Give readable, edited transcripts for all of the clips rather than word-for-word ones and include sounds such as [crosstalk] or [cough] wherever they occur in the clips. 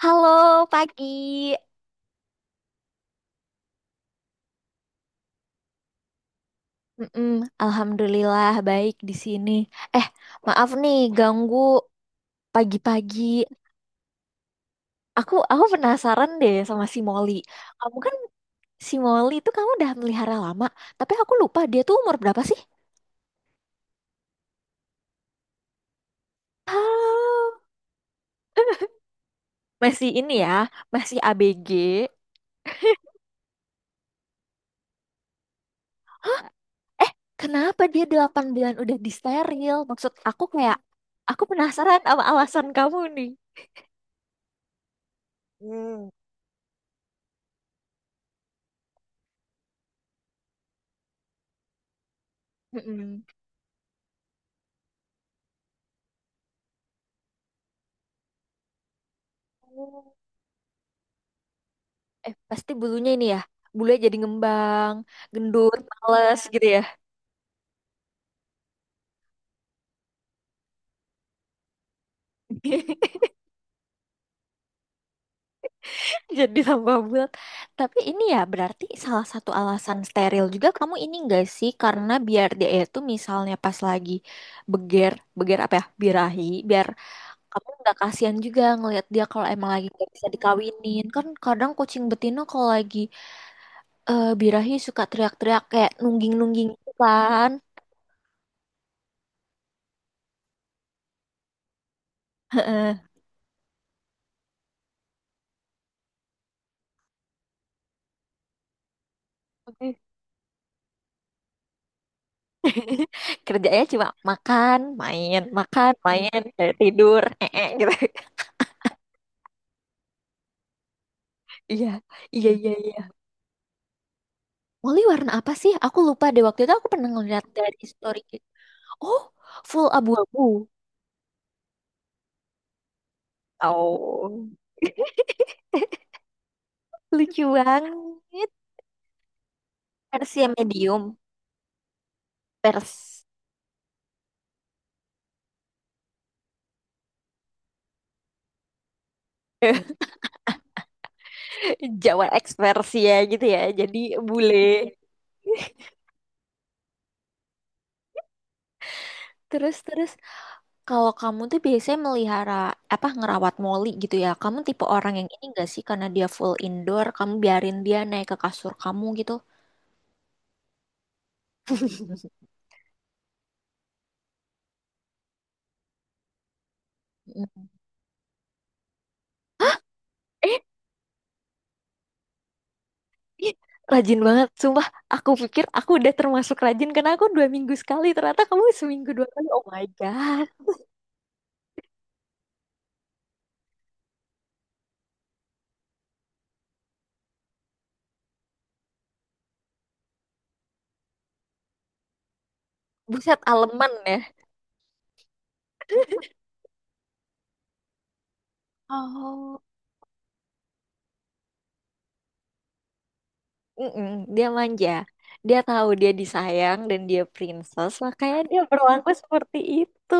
Halo, pagi. Mm-mm, Alhamdulillah baik di sini. Eh, maaf nih ganggu pagi-pagi. Aku penasaran deh sama si Molly. Kamu kan si Molly itu kamu udah melihara lama, tapi aku lupa dia tuh umur berapa sih? Halo. [laughs] Masih ini ya, masih ABG. Eh, kenapa dia 8 bulan udah disteril? Maksud aku kayak aku penasaran sama alasan kamu nih. Hmm. Mm-mm. Eh, pasti bulunya ini ya, bulunya jadi ngembang, gendut males gitu ya. [laughs] Jadi tambah bulat. Tapi ini ya berarti salah satu alasan steril juga kamu ini enggak sih, karena biar dia itu misalnya pas lagi beger, apa ya, birahi, biar kamu nggak kasihan juga ngelihat dia kalau emang lagi nggak bisa dikawinin, kan kadang kucing betina kalau lagi birahi suka teriak-teriak kayak nungging-nungging gitu kan. [laughs] Heeh. [laughs] Kerjanya cuma makan, main, kayak tidur, gitu. [laughs] Iya, iya, iya, iya. Molly warna apa sih? Aku lupa deh, waktu itu aku pernah ngeliat dari story gitu. Oh, full abu-abu. Oh, lucu banget. Versi yang medium, pers [laughs] Jawa X versi ya gitu ya. Jadi bule. [laughs] Terus terus, kalau kamu tuh biasanya melihara apa ngerawat Molly gitu ya? Kamu tipe orang yang ini gak sih, karena dia full indoor, kamu biarin dia naik ke kasur kamu gitu? Mm. Eh, ih, rajin banget, sumpah. Aku pikir aku udah termasuk rajin karena aku 2 minggu sekali. Ternyata kamu seminggu 2 kali. Oh my god, buset aleman ya. Oh, mm-mm, dia manja. Dia tahu dia disayang dan dia princess, makanya dia berlaku seperti itu.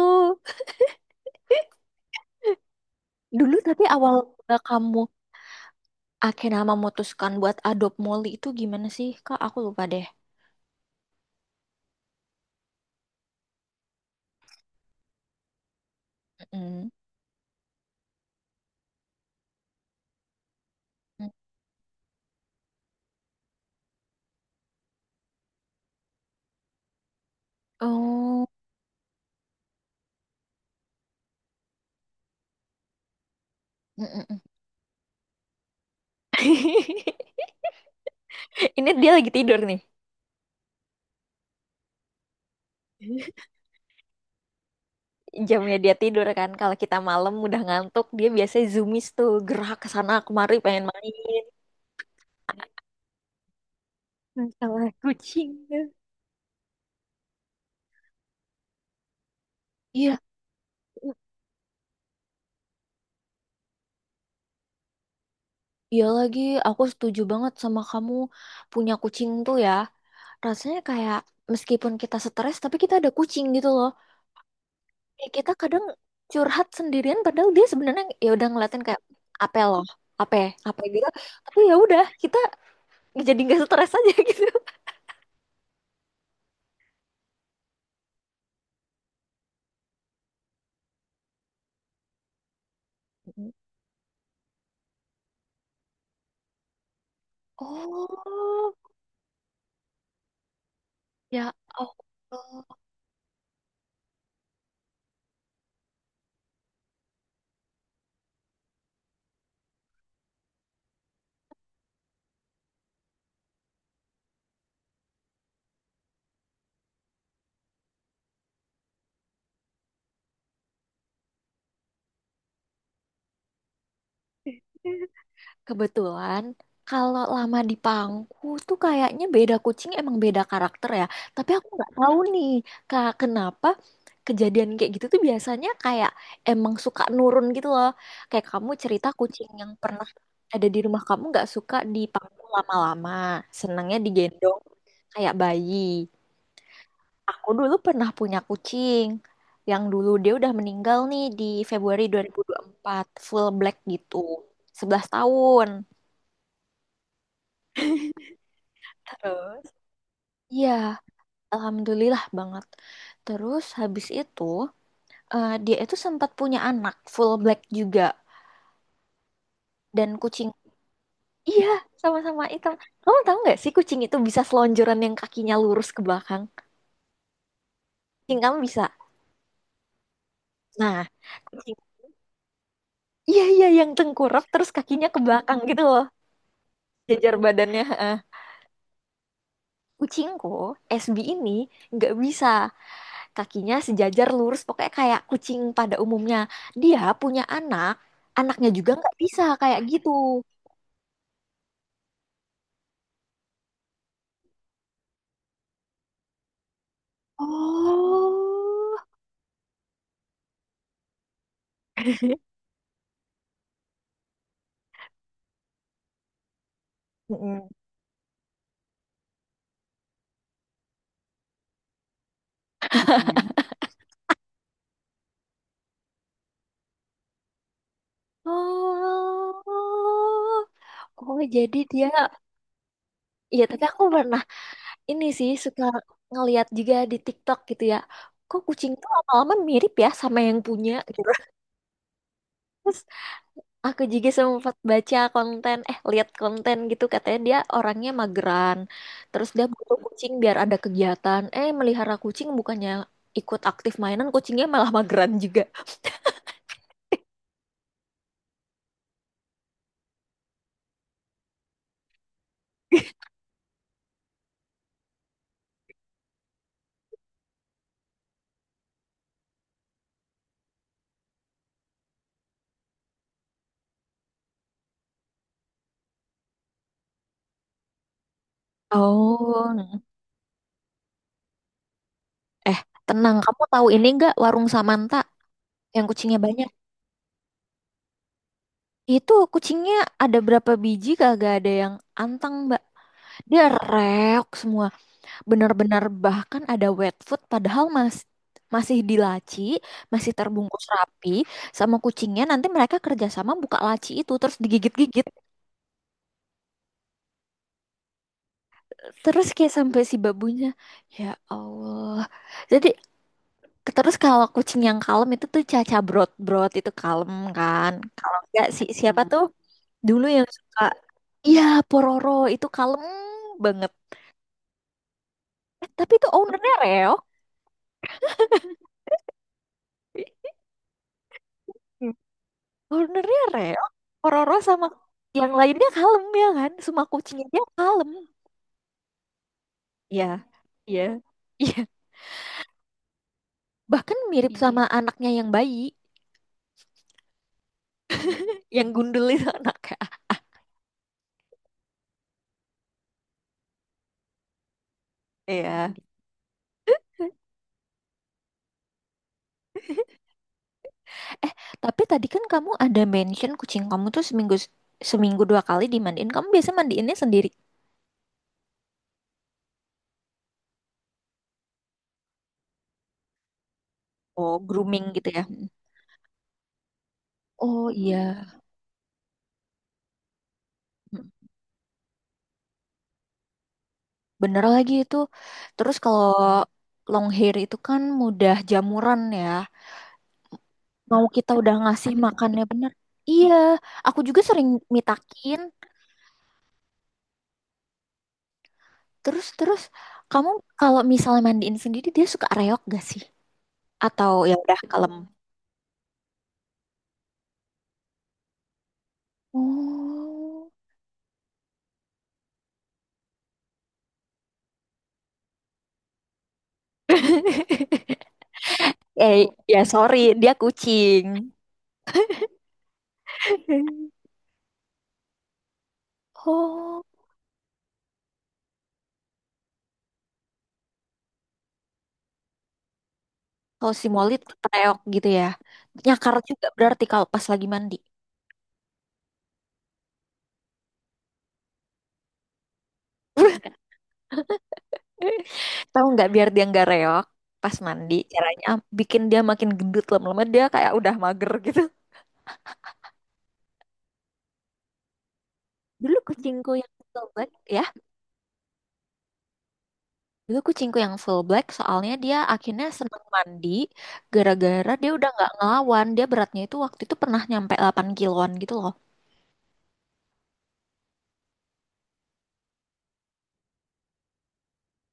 Dulu tapi awal mula kamu akhirnya memutuskan buat adopt Molly itu gimana sih Kak? Aku lupa deh. Mm-mm. Mm. Oh, mm-mm. [laughs] Ini dia lagi tidur nih. [laughs] Jamnya dia tidur kan. Kalau kita malam udah ngantuk, dia biasanya zoomies tuh gerak ke sana kemari pengen main. Masalah kucing. Iya, iya lagi. Aku setuju banget sama kamu, punya kucing tuh ya. Rasanya kayak meskipun kita stres, tapi kita ada kucing gitu loh. Kayak kita kadang curhat sendirian padahal dia sebenarnya ya udah ngeliatin kayak apa loh, apa apa gitu, tapi ya udah, kita jadi nggak stres aja. [laughs] Gitu, oh ya Allah. Kebetulan kalau lama di Pangku tuh kayaknya beda kucing emang beda karakter ya. Tapi aku nggak tahu nih Kak, kenapa kejadian kayak gitu tuh biasanya kayak emang suka nurun gitu loh. Kayak kamu cerita kucing yang pernah ada di rumah kamu nggak suka di Pangku lama-lama, senangnya digendong kayak bayi. Aku dulu pernah punya kucing, yang dulu dia udah meninggal nih di Februari 2024, full black gitu. 11 tahun. Terus? Iya, alhamdulillah banget. Terus habis itu dia itu sempat punya anak full black juga dan kucing. Iya, sama-sama hitam. Kamu tahu nggak sih kucing itu bisa selonjoran yang kakinya lurus ke belakang? Kucing kamu bisa. Nah, kucing. Iya iya, yang tengkurap terus kakinya ke belakang gitu loh, jajar badannya. Heeh. Kucingku SB ini nggak bisa. Kakinya sejajar lurus pokoknya kayak kucing pada umumnya, dia punya anak, anaknya juga nggak bisa kayak gitu. Oh, mm-mm. Oh, oh, jadi dia, ya tapi aku pernah ini sih suka ngeliat juga di TikTok gitu ya, kok kucing tuh lama-lama mirip ya sama yang punya gitu. [laughs] Aku juga sempat baca konten, eh lihat konten gitu, katanya dia orangnya mageran. Terus dia butuh kucing biar ada kegiatan. Eh, melihara kucing bukannya ikut aktif mainan, kucingnya malah mageran juga. Oh, eh, tenang, kamu tahu ini nggak warung Samanta yang kucingnya banyak? Itu kucingnya ada berapa biji kagak ada yang anteng, Mbak. Dia reok semua. Benar-benar, bahkan ada wet food padahal mas, masih di laci, masih terbungkus rapi, sama kucingnya nanti mereka kerjasama buka laci itu terus digigit-gigit, terus kayak sampai si babunya, ya Allah. Jadi terus, kalau kucing yang kalem itu tuh Caca brot-brot itu kalem kan, kalau enggak si siapa tuh dulu yang suka, iya, Pororo itu kalem banget. Eh, tapi itu ownernya Reo. Ownernya Reo, Pororo sama yang lainnya kalem ya kan? Semua kucingnya dia kalem. Ya, iya, iya. Bahkan mirip, iya, sama anaknya yang bayi, yang gundul itu [laughs] anaknya. Iya. Eh, tapi tadi kan kamu ada mention kucing kamu tuh seminggu seminggu dua kali dimandiin. Kamu biasa mandiinnya sendiri? Oh, grooming gitu ya? Hmm. Oh iya, hmm, bener lagi itu. Terus kalau long hair itu kan mudah jamuran ya. Mau kita udah ngasih makannya bener, iya, aku juga sering mitakin. Terus terus, kamu kalau misalnya mandiin sendiri, dia suka reok gak sih atau ya udah kalem? Oh, [laughs] eh, ya sorry, dia kucing. [laughs] Oh, kalau si Molly tetep reok gitu ya, nyakar juga berarti kalau pas lagi mandi. [laughs] Tahu nggak, biar dia nggak reok pas mandi, caranya bikin dia makin gendut, lama-lama dia kayak udah mager gitu. Dulu kucingku yang full black ya. Dulu kucingku yang full black soalnya dia akhirnya senang mandi gara-gara dia udah nggak ngelawan. Dia beratnya itu waktu itu pernah nyampe 8 kiloan gitu loh.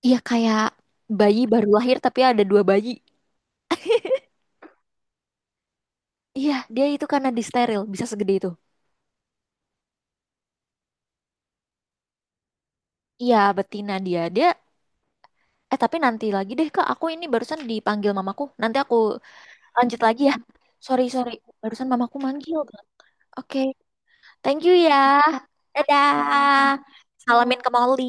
Iya kayak bayi baru lahir tapi ada dua bayi. Iya, dia itu karena disteril bisa segede itu. Iya, betina dia. Tapi nanti lagi deh Kak, aku ini barusan dipanggil mamaku. Nanti aku lanjut lagi ya. Sorry, sorry. Barusan mamaku manggil. Oke, thank you ya. Dadah. Salamin ke Molly.